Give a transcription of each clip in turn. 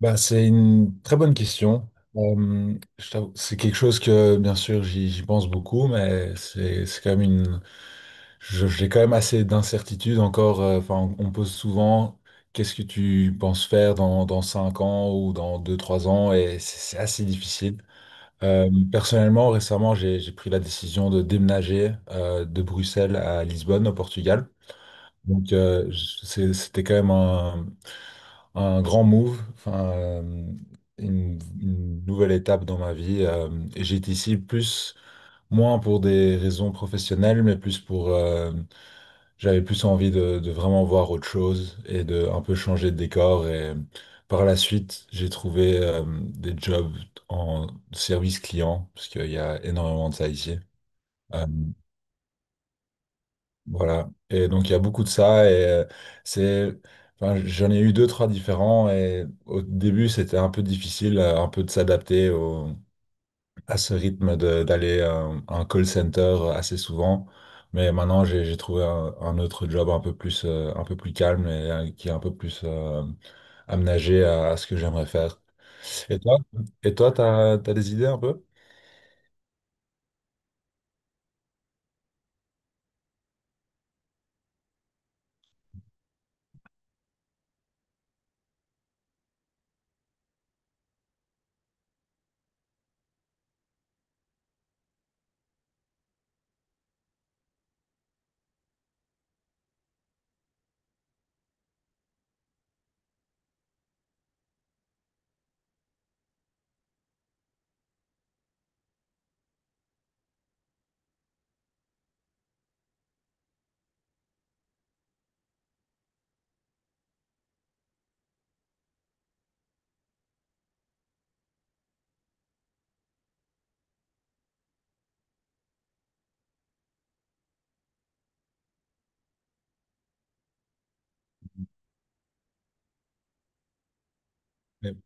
Bah, c'est une très bonne question. Je t'avoue, c'est quelque chose que, bien sûr, j'y pense beaucoup, mais c'est quand même une... J'ai quand même assez d'incertitudes encore. Enfin, on me pose souvent, qu'est-ce que tu penses faire dans, dans 5 ans ou dans deux trois ans, et c'est assez difficile. Personnellement, récemment, j'ai pris la décision de déménager de Bruxelles à Lisbonne, au Portugal. Donc, c'était quand même un grand move, enfin, une nouvelle étape dans ma vie. Et j'étais ici plus, moins pour des raisons professionnelles, mais plus pour, j'avais plus envie de vraiment voir autre chose et de un peu changer de décor. Et par la suite, j'ai trouvé des jobs en service client, parce qu'il y a énormément de ça ici. Euh, Voilà. Et donc, il y a beaucoup de ça. Et c'est, enfin, j'en ai eu deux, trois différents. Et au début, c'était un peu difficile, un peu de s'adapter au-, à ce rythme de- d'aller à un call center assez souvent. Mais maintenant, j'ai trouvé un autre job un peu plus calme et qui est un peu plus aménagé à ce que j'aimerais faire. Et toi, et toi, t'as, t'as des idées un peu? Mais-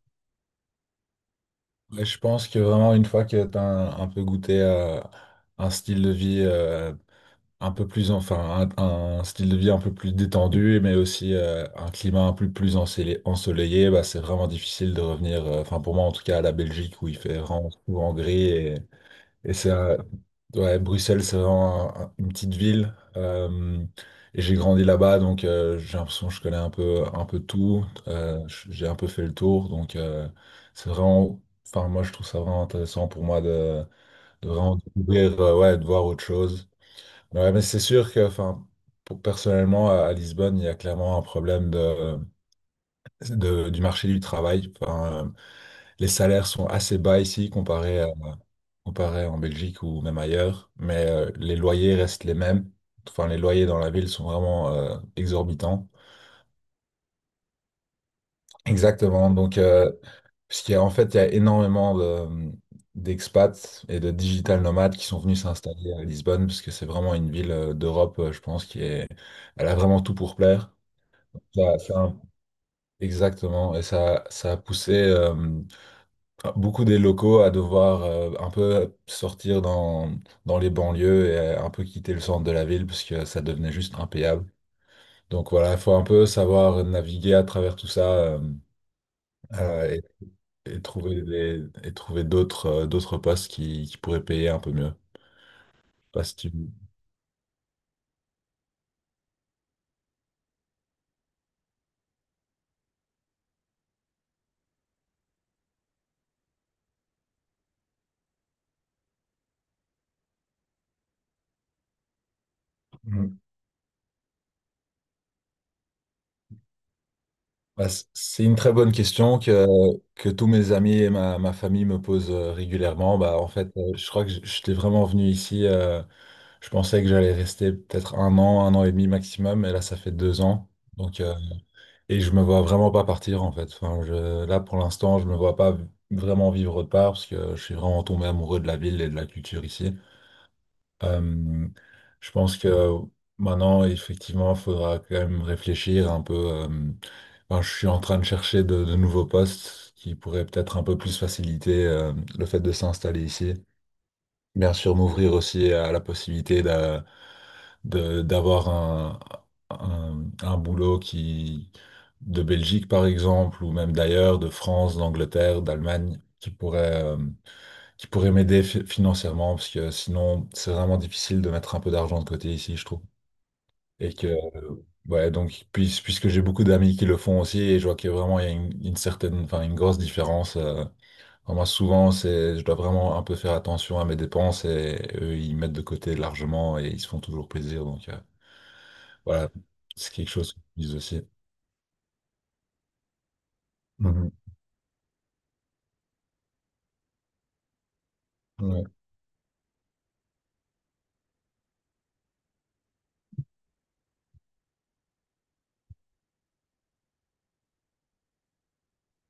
mais je pense que vraiment, une fois que tu as un peu goûté à un style de vie un peu plus, enfin, un style de vie un peu plus détendu, mais aussi un climat un peu plus ensoleillé, bah, c'est vraiment difficile de revenir, enfin, pour moi en tout cas, à la Belgique où il fait vraiment souvent gris. Et c'est, ouais, Bruxelles, c'est vraiment une petite ville. Et j'ai grandi là-bas, donc j'ai l'impression que je connais un peu tout. J'ai un peu fait le tour, donc c'est vraiment, enfin, moi je trouve ça vraiment intéressant pour moi de vraiment découvrir, ouais, de voir autre chose. Ouais, mais c'est sûr que, enfin, pour- personnellement, à Lisbonne, il y a clairement un problème de- du marché du travail. Enfin, les salaires sont assez bas ici comparé à-, comparé en Belgique ou même ailleurs, mais les loyers restent les mêmes. Enfin, les loyers dans la ville sont vraiment exorbitants. Exactement. Donc, parce qu'il y a, en fait, il y a énormément de- d'expats et de digital nomades qui sont venus s'installer à Lisbonne, parce que c'est vraiment une ville d'Europe, je pense, qui est, elle a vraiment tout pour plaire. Ça- ça- exactement. Et ça a poussé beaucoup des locaux à devoir un peu sortir dans, dans les banlieues et un peu quitter le centre de la ville parce que ça devenait juste impayable. Donc voilà, il faut un peu savoir naviguer à travers tout ça euh, et trouver des, et trouver d'autres d'autres postes qui pourraient payer un peu mieux. Parce que... Bah, c- c'est une très bonne question que tous mes amis et ma famille me posent régulièrement. Bah, en fait, je crois que j'étais vraiment venu ici. Je pensais que j'allais rester peut-être un an et demi maximum, et là, ça fait deux ans. Donc, et je me vois vraiment pas partir, en fait. Enfin, je, là, pour l'instant, je me vois pas vraiment vivre autre part parce que je suis vraiment tombé amoureux de la ville et de la culture ici. Euh, je pense que maintenant, effectivement, il faudra quand même réfléchir un peu. Enfin, je suis en train de chercher de nouveaux postes qui pourraient peut-être un peu plus faciliter le fait de s'installer ici. Bien sûr, m'ouvrir aussi à la possibilité d'avoir un boulot qui, de Belgique, par exemple, ou même d'ailleurs, de France, d'Angleterre, d'Allemagne, qui pourrait m'aider financièrement, parce que sinon, c'est vraiment difficile de mettre un peu d'argent de côté ici, je trouve. Et que, ouais, donc, puisque j'ai beaucoup d'amis qui le font aussi, et je vois qu'il y a vraiment il y a une certaine, enfin, une grosse différence. Enfin, moi, souvent, c'est, je dois vraiment un peu faire attention à mes dépenses, et eux, ils mettent de côté largement, et ils se font toujours plaisir. Donc, voilà, c'est quelque chose qu'ils disent aussi. Mhm. Ouais.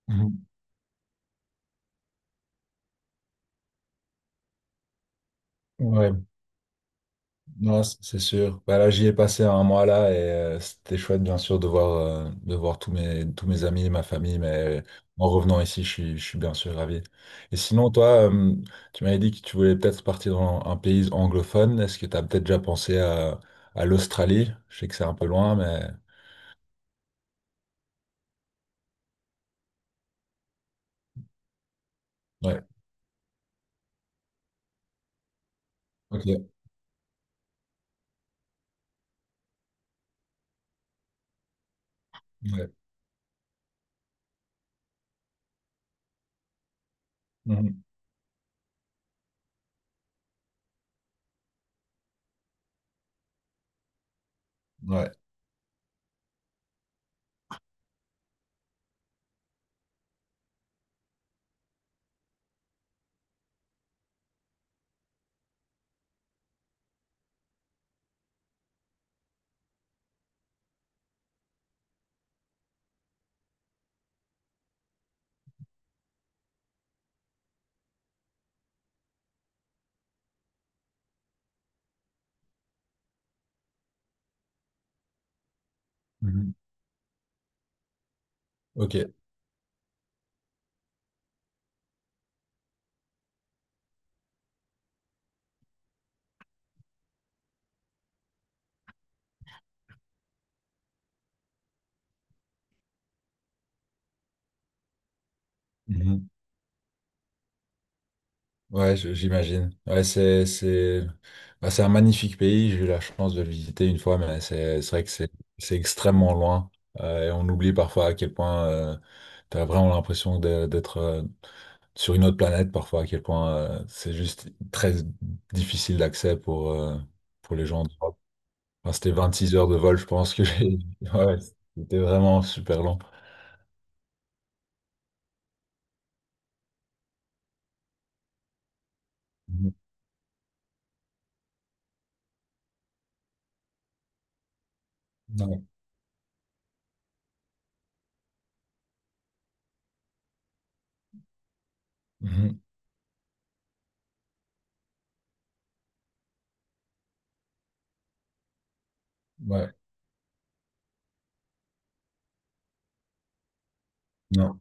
Mhm. Ouais. Non, c- c'est sûr. Bah là, j'y ai passé un mois là et c'était chouette, bien sûr, de voir tous mes amis, ma famille, mais en revenant ici, je suis bien sûr ravi. Et sinon, toi, tu m'avais dit que tu voulais peut-être partir dans un pays anglophone. Est-ce que tu as peut-être déjà pensé à l'Australie? Je sais que c'est un peu loin, mais... Ouais, ok. Ouais. Mhm. Ouais. Mhm. Ok. Mhm. Ouais, j'imagine. Ouais, c'est, bah, c'est un magnifique pays. J'ai eu la chance de le visiter une fois, mais c'est vrai que c'est extrêmement loin. Et on oublie parfois à quel point t'as vraiment l'impression de- d'être sur une autre planète, parfois à quel point c'est juste très difficile d'accès pour les gens d'Europe. Enfin, c'était 26 heures de vol, je pense que j'ai. Ouais, c'était vraiment super long. Mhm. Ouais. Mhm. Ouais. Non.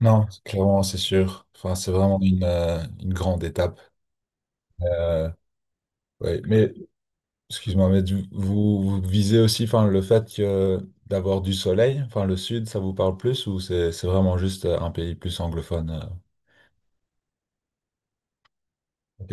Non, clairement, c'est sûr. Enfin, c'est vraiment une grande étape. Euh, ouais. Mais, excuse-moi, mais vous, vous visez aussi, enfin, le fait que d'avoir du soleil, enfin, le sud, ça vous parle plus ou c'est vraiment juste un pays plus anglophone? Ok.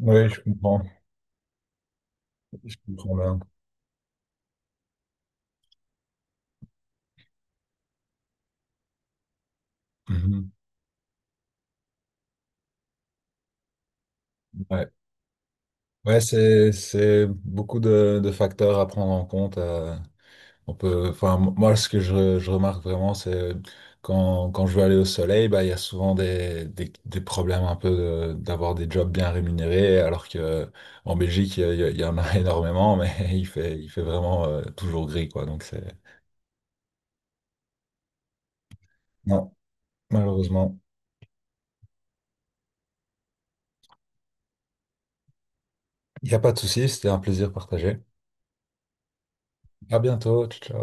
Oui, je comprends. Je comprends bien. Mhm. Ouais, ouais, c'est beaucoup de facteurs à prendre en compte. On peut, enfin, moi, ce que je remarque vraiment, c'est quand, quand je veux aller au soleil, bah, il y a souvent des problèmes un peu de- d'avoir des jobs bien rémunérés, alors que en Belgique, il y a-, il y en a énormément, mais il fait vraiment toujours gris, quoi. Donc, c'est, non, malheureusement, il n'y a pas de souci, c'était un plaisir partagé. À bientôt, ciao, ciao.